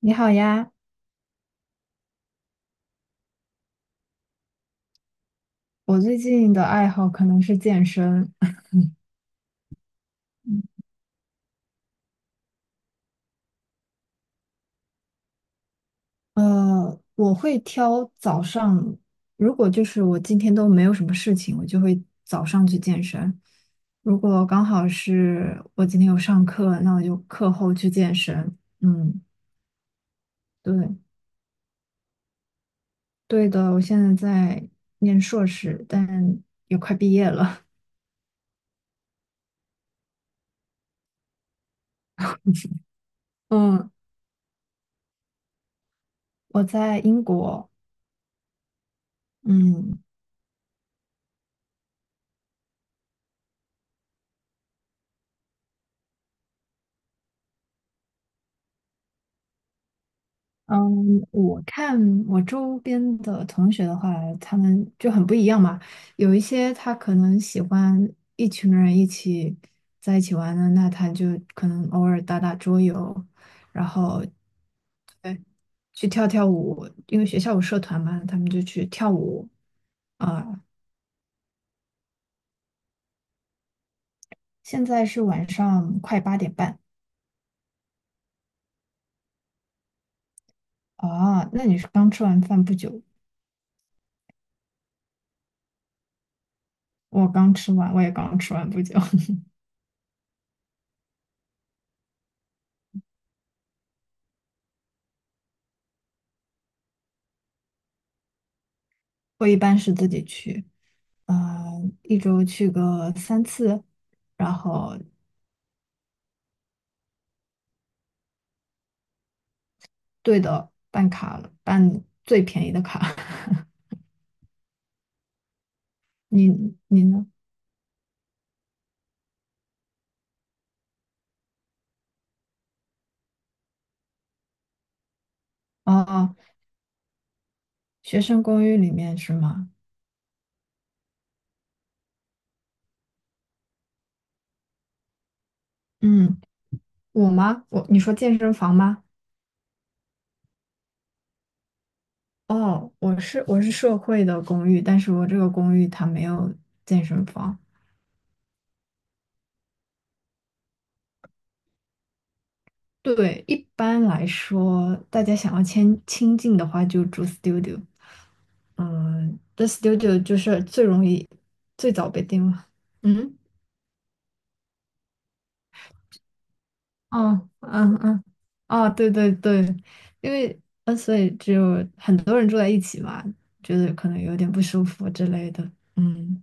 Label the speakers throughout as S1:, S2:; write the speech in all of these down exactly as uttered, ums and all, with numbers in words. S1: 你好呀，我最近的爱好可能是健身。呃，我会挑早上，如果就是我今天都没有什么事情，我就会早上去健身。如果刚好是我今天有上课，那我就课后去健身。嗯，对，对的，我现在在念硕士，但也快毕业了。嗯，我在英国。嗯。嗯，我看我周边的同学的话，他们就很不一样嘛。有一些他可能喜欢一群人一起在一起玩的，那他就可能偶尔打打桌游，然后对去跳跳舞，因为学校有社团嘛，他们就去跳舞啊。现在是晚上快八点半啊，那你是刚吃完饭不久？我刚吃完，我也刚吃完不久。我一般是自己去，嗯，一周去个三次，然后对的，办卡了，办最便宜的卡。你你呢？哦，学生公寓里面是吗？嗯，我吗？我你说健身房吗？哦，我是我是社会的公寓，但是我这个公寓它没有健身房，对，一般来说，大家想要亲亲近的话，就住 studio。嗯，t h e studio 就是最容易、最早被定了。嗯，哦，嗯嗯，哦，对对对，因为呃，所以只有很多人住在一起嘛，觉得可能有点不舒服之类的。嗯，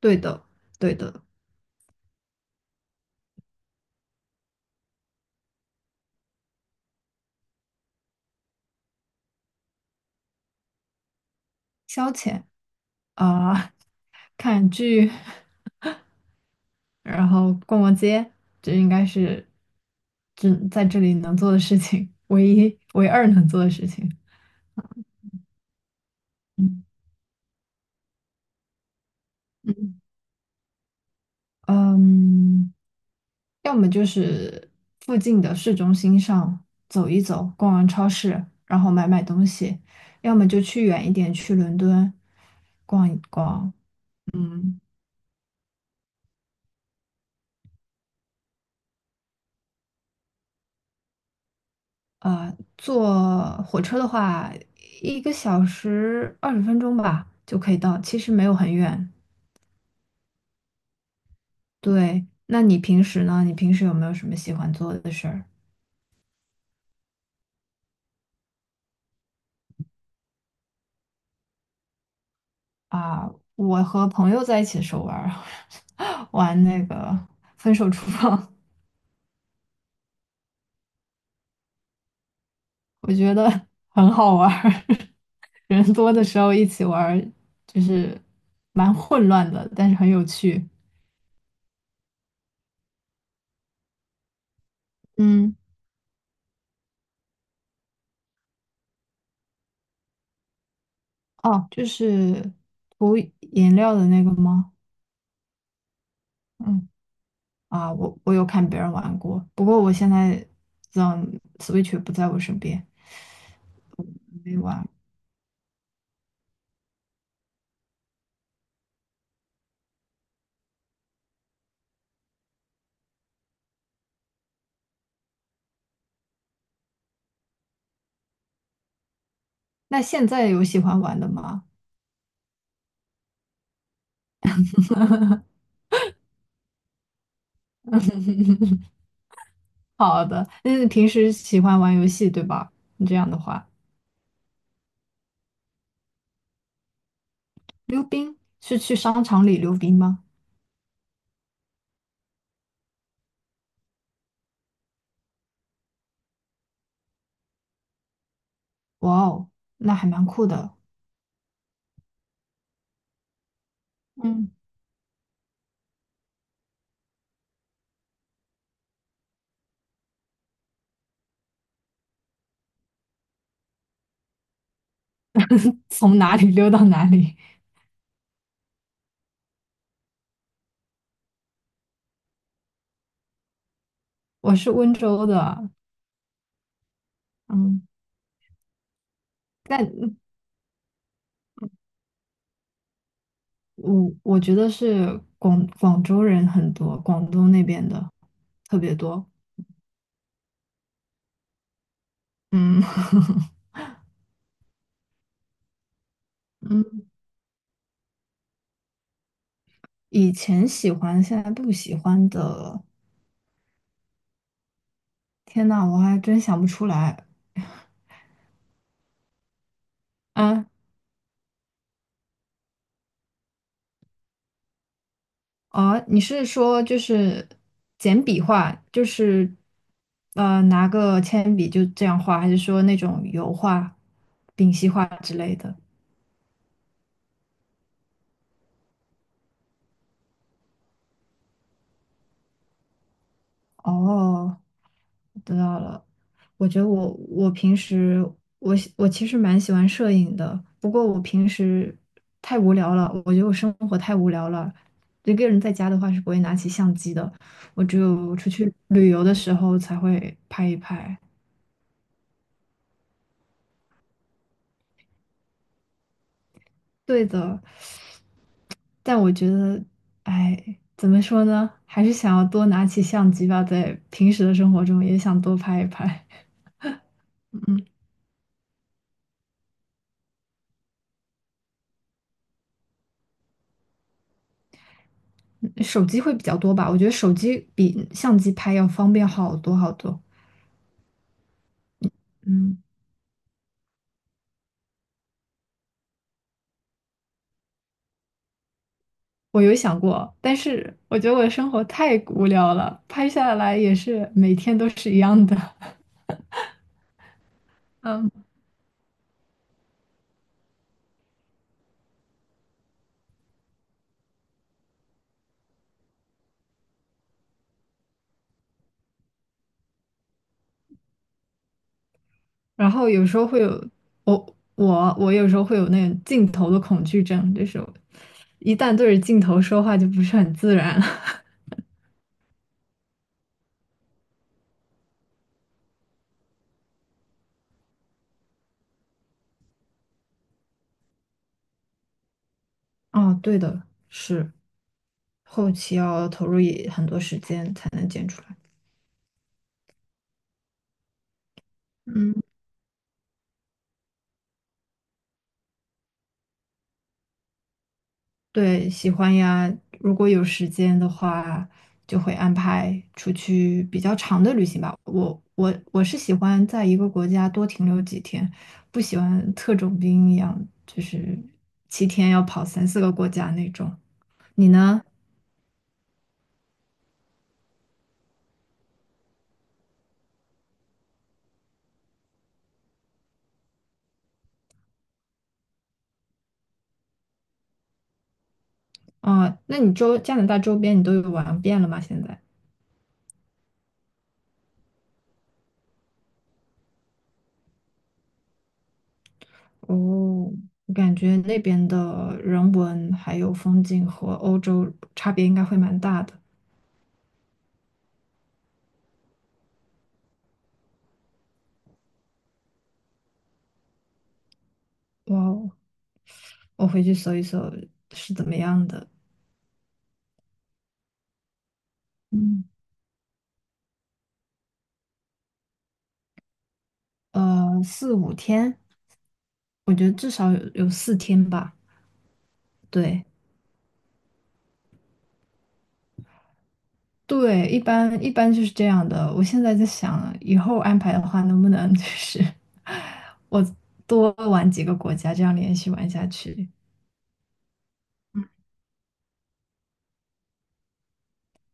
S1: 对的，对的，消遣啊，看剧。然后逛逛街，这应该是这在这里能做的事情，唯一唯二能做的事情。嗯嗯嗯，要么就是附近的市中心上走一走，逛完超市，然后买买东西；要么就去远一点，去伦敦逛一逛。嗯，呃，坐火车的话，一个小时二十分钟吧就可以到，其实没有很远。对，那你平时呢？你平时有没有什么喜欢做的事儿啊？我和朋友在一起的时候玩儿，玩那个分手厨房，我觉得很好玩儿。人多的时候一起玩儿，就是蛮混乱的，但是很有趣。嗯，哦，就是涂颜料的那个吗？嗯，啊，我我有看别人玩过，不过我现在，嗯，Switch 不在我身边，没玩。那现在有喜欢玩的吗？好的，那你平时喜欢玩游戏对吧？你这样的话，溜冰是去商场里溜冰吗？哇哦，那还蛮酷的。嗯，从哪里溜到哪里？我是温州的，嗯，但我我觉得是广广州人很多，广东那边的特别多。嗯 嗯，以前喜欢，现在不喜欢的，天呐，我还真想不出来。啊，哦，你是说就是简笔画，就是呃拿个铅笔就这样画，还是说那种油画、丙烯画之类的？哦，知道了。我觉得我我平时我喜我其实蛮喜欢摄影的，不过我平时太无聊了，我觉得我生活太无聊了。一个人在家的话是不会拿起相机的，我只有出去旅游的时候才会拍一拍。对的，但我觉得，哎，怎么说呢？还是想要多拿起相机吧，在平时的生活中也想多拍一拍。嗯，手机会比较多吧？我觉得手机比相机拍要方便好多好多。嗯，我有想过，但是我觉得我的生活太无聊了，拍下来也是每天都是一样的。嗯，然后有时候会有我我我有时候会有那种镜头的恐惧症，就是我一旦对着镜头说话就不是很自然了。啊，对的，是后期要投入也很多时间才能剪出来。嗯，对，喜欢呀。如果有时间的话，就会安排出去比较长的旅行吧。我我我是喜欢在一个国家多停留几天，不喜欢特种兵一样，就是七天要跑三四个国家那种。你呢？哦，那你周加拿大周边你都有玩遍了吗？现在？哦，我感觉那边的人文还有风景和欧洲差别应该会蛮大的。哇哦，我回去搜一搜是怎么样的。嗯，呃，四五天，我觉得至少有有四天吧。对对，一般一般就是这样的。我现在在想，以后安排的话，能不能就是 我多玩几个国家，这样连续玩下去。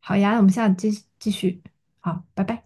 S1: 好呀，我们下次继继续。好，拜拜。